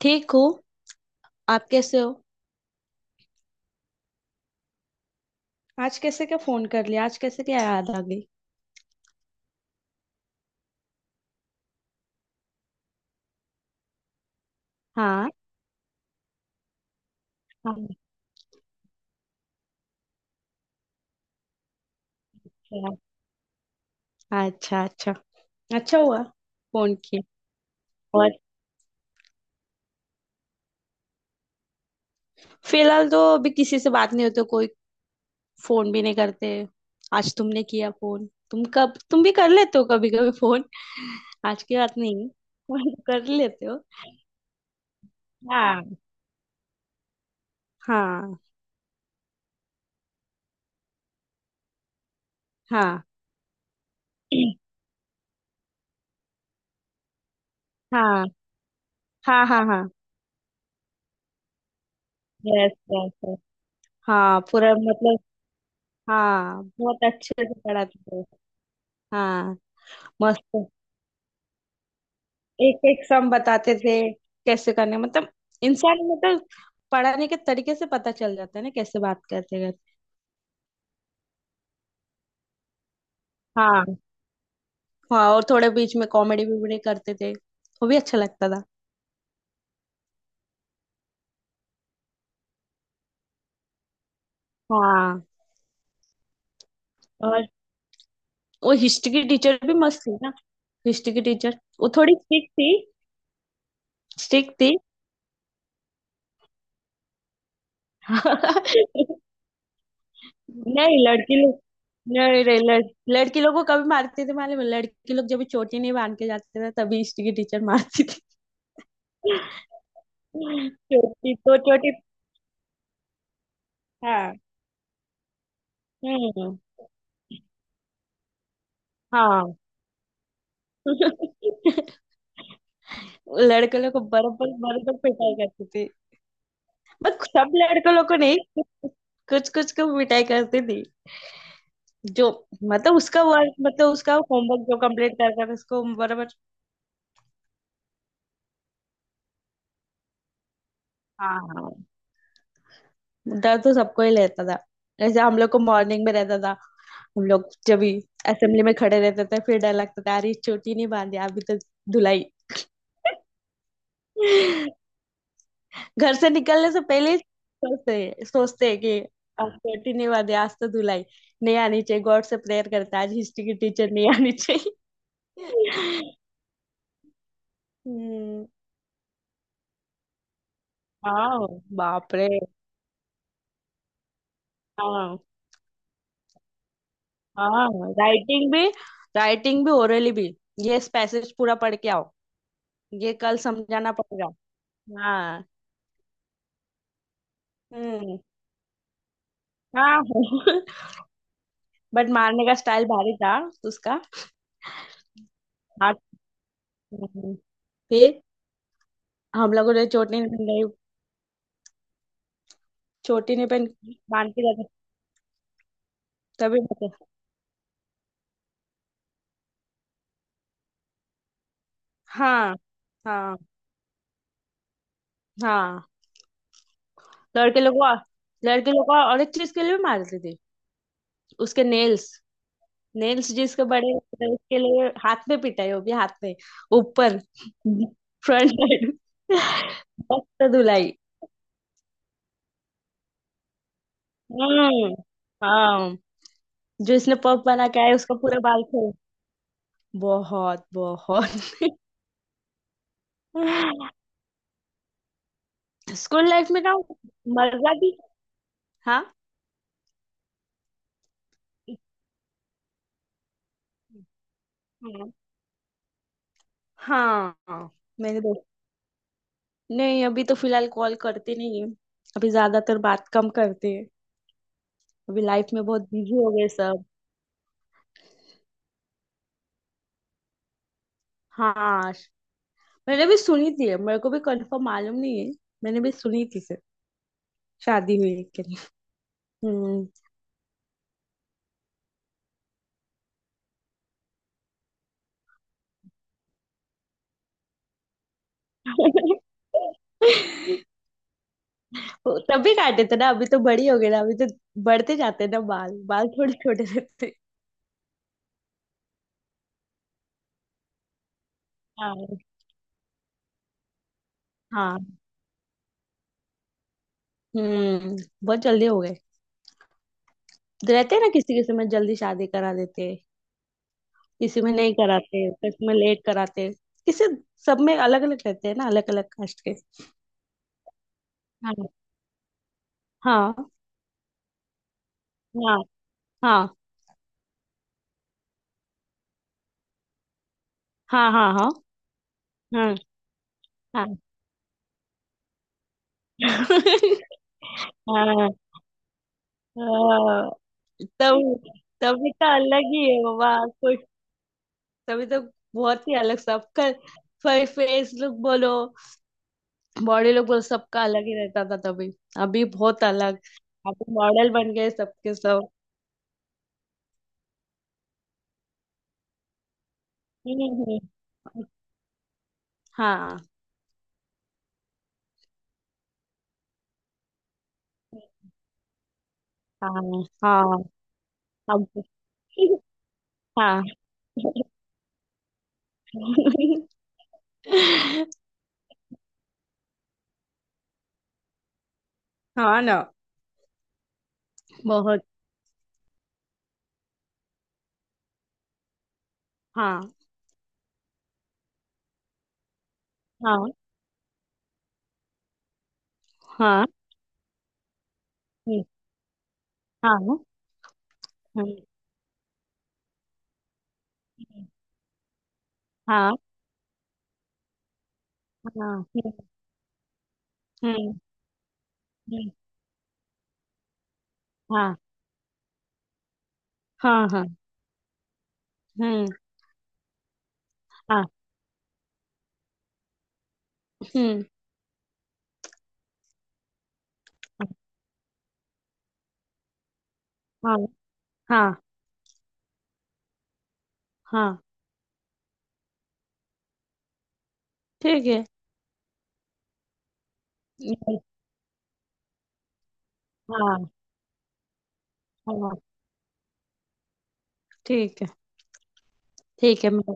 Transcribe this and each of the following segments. ठीक हो। आप कैसे हो? आज कैसे क्या फोन कर लिया, आज कैसे क्या याद आ गई? हाँ। अच्छा। अच्छा, अच्छा। अच्छा हुआ फोन किया। और, फिलहाल तो अभी किसी से बात नहीं होती कोई। फोन भी नहीं करते। आज तुमने किया फोन, तुम कब तुम भी कर लेते हो कभी कभी फोन। आज की बात नहीं है, फोन कर लेते हो। हाँ, हाँ, हाँ। हाँ, हाँ, हाँ, हाँ। Yes, yes. हाँ, पूरा मतलब। हाँ, बहुत अच्छे से पढ़ाते हो। हाँ। मस्त। एक एक सम बताते थे। कैसे करने मतलब। इंसान मतलब। पढ़ाने के तरीके से पता चल जाता है ना, कैसे बात करते हैं। हाँ, हाँ, और थोड़े बीच में कॉमेडी भी करते थे, वो भी अच्छा लगता था। हाँ। और वो हिस्ट्री की टीचर भी मस्त थी ना। हिस्ट्री की टीचर वो थोड़ी स्ट्रिक्ट थी। स्ट्रिक्ट थी। नहीं लड़की लोग। नहीं, नहीं, लड़की लोगों को कभी मारते थे मालूम है? लड़की लोग जब भी चोटी नहीं बांध के जाते थे, तभी हिस्ट्री की टीचर मारती। छोटी तो छोटी। हाँ। हम्म। हाँ। लड़के लोग को बर्फ बर्फ तक पिटाई करती थी। बट सब लड़के लोग को नहीं। कुछ कुछ को पिटाई करती थी। जो मतलब उसका वर्क मतलब उसका होमवर्क जो कंप्लीट करता था उसको बराबर। हाँ, हाँ। डर तो सबको ही लेता था। जैसे हम लोग को मॉर्निंग में रहता था। हम लोग जब भी असेंबली में खड़े रहते थे, फिर डर लगता था, अरे चोटी नहीं बांधी अभी तो। धुलाई। घर से निकलने से पहले ही सोचते सोचते हैं कि आज छुट्टी नहीं वादे, आज तो धुलाई नहीं आनी चाहिए, गॉड से प्रेयर करता है, आज हिस्ट्री की टीचर नहीं आनी चाहिए। हम्म। हाँ। बाप रे। हाँ। हाँ। राइटिंग भी। राइटिंग भी ओरली भी। ये पैसेज पूरा पढ़ के आओ। ये कल समझाना पड़ेगा। हाँ। हम्म। हाँ। बट मारने का स्टाइल भारी था। उसका। हाथ। फिर। हम लोगों ने चोटी। चोटी नहीं पहन, बांध के जाते। तभी होते। हाँ, हाँ, हाँ। लड़के लोग को- लड़के लोग को और एक चीज के लिए भी मारती थी। उसके नेल्स। नेल्स जिसके बड़े होते थे, उसके लिए हाथ में पिटाई होगी, हाथ में। ऊपर। Front side. मस्त धुलाई। हम्म। हाँ। जो इसने पफ बना के आया, उसका पूरा बाल खोल। बहुत, बहुत। स्कूल लाइफ में ना। मजा भी। हाँ। हाँ। मेरे दोस्त। नहीं, अभी तो फिलहाल कॉल करते नहीं है। अभी ज्यादातर बात कम करते हैं। अभी लाइफ में बहुत बिजी हो गए सब। हाँ। मैंने भी सुनी थी, मेरे को भी कंफर्म मालूम नहीं है। मैंने भी सुनी थी सर। शादी हुई के लिए। हम्म। वो तभी काटे थे ना, अभी तो बड़ी हो गई ना, अभी तो बढ़ते जाते हैं ना, बाल, बाल थोड़े छोटे रहते हैं। हाँ, हाँ। हम्म। बहुत जल्दी हो गए। रहते हैं ना, किसी किसी में जल्दी शादी करा देते हैं। किसी में नहीं कराते, किसी में लेट कराते। किसी। सब में अलग अलग रहते हैं ना, अलग अलग कास्ट के। हाँ, हाँ, हाँ, हाँ। हाँ। हाँ, हाँ, हाँ, हाँ। हाँ। हाँ। तब। तभी तो अलग ही है बाबा कुछ। तभी तो। बहुत ही अलग सबका। फेस लुक बोलो। बॉडी लुक बोलो, सबका अलग ही रहता था तभी। अभी बहुत अलग। अभी मॉडल बन गए सबके सब। हम्म, हम्म। हाँ। हाँ। हाँ। अब हाँ। हाँ ना। बहुत। हाँ। हाँ। हाँ। हम्म, हाँ। हम्म। हाँ। हाँ। हम्म, हम्म। हाँ, हाँ। हाँ। हम्म। हाँ। हम्म। हाँ, हाँ। हाँ ठीक है। ये- हाँ। हाँ। ठीक है। ठीक है, मैं।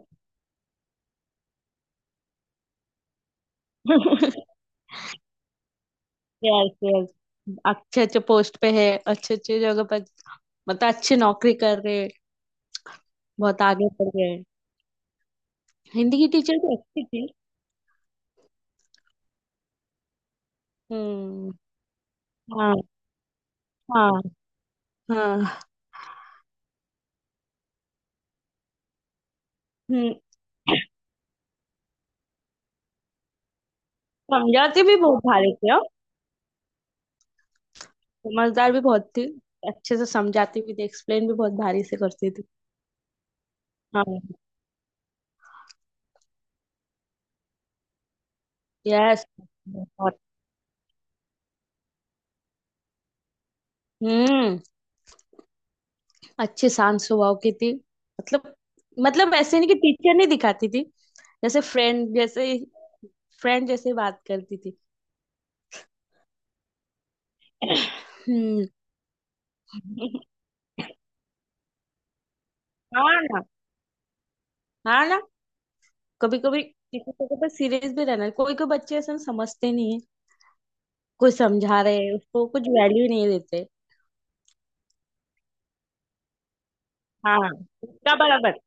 Yes, yes. अच्छे अच्छे पोस्ट पे है, अच्छे अच्छे जगह पर। मतलब अच्छी नौकरी कर रहे हैं। बहुत आगे बढ़ गए हैं। हिंदी की टीचर भी अच्छी थी। हम्म। हाँ, हाँ, हाँ। हम्म। समझाती भी बहुत भारी थी, हाँ। समझदार भी बहुत थी। अच्छे से समझाती भी थी, एक्सप्लेन भी बहुत भारी से करती थी। हाँ। यस। बहुत। हम्म। अच्छी शांत स्वभाव की थी। मतलब। मतलब ऐसे नहीं कि टीचर नहीं दिखाती थी। जैसे फ्रेंड जैसे। फ्रेंड जैसे बात करती थी। हम्म। हाँ ना, हाँ ना। कभी कभी किसी को तो सीरियस भी रहना, कोई कोई बच्चे ऐसे समझते नहीं है। कुछ समझा रहे हैं उसको, कुछ वैल्यू नहीं देते। हाँ। उसका बराबर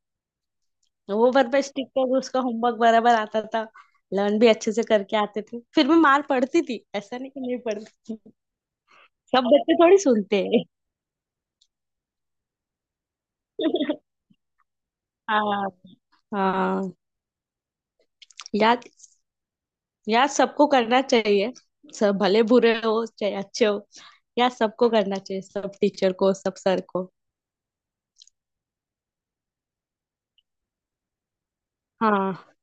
होमवर्क पे स्टिक कर, उसका होमवर्क बराबर आता था। लर्न भी अच्छे से करके आते थे, फिर भी मार पड़ती थी, ऐसा नहीं कि नहीं पड़ती थी। सब बच्चे थोड़ी सुनते हैं। हाँ, हाँ। याद। याद सबको करना चाहिए। सब भले बुरे हो चाहे अच्छे हो। याद सबको करना चाहिए, सब टीचर को, सब सर को। हाँ।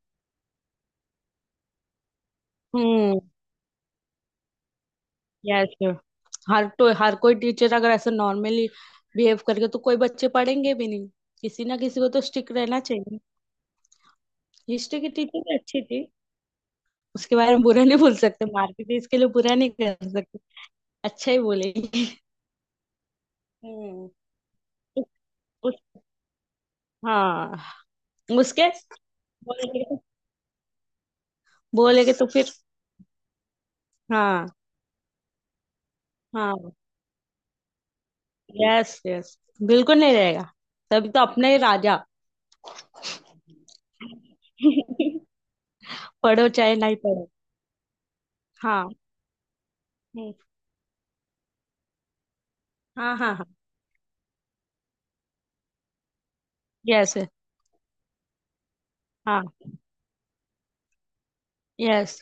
हम्म। यस। हर तो हर कोई टीचर अगर ऐसे नॉर्मली बिहेव करके, तो कोई बच्चे पढ़ेंगे भी नहीं। किसी ना किसी को तो स्ट्रिक्ट रहना चाहिए। हिस्ट्री की टीचर भी अच्छी थी। उसके बारे में बुरा नहीं बोल सकते, मार्केट इसके लिए बुरा नहीं कर सकते। अच्छा ही बोलेगी। हम्म। उस, उस, हाँ। उसके बोलेगे तो। बोलेगे तो फिर। हाँ। हाँ। Yes, yes. बिल्कुल नहीं रहेगा। तभी तो अपने ही राजा। पढ़ो चाहे नहीं पढ़ो। हाँ। हम्म। हाँ, हाँ, हाँ। यस। हाँ। यस।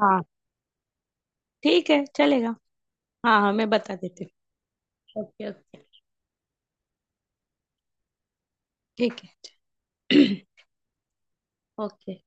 हाँ। ठीक है, चलेगा। हाँ, हाँ, मैं बता देती हूँ। Okay, okay. ठीक है। ओके।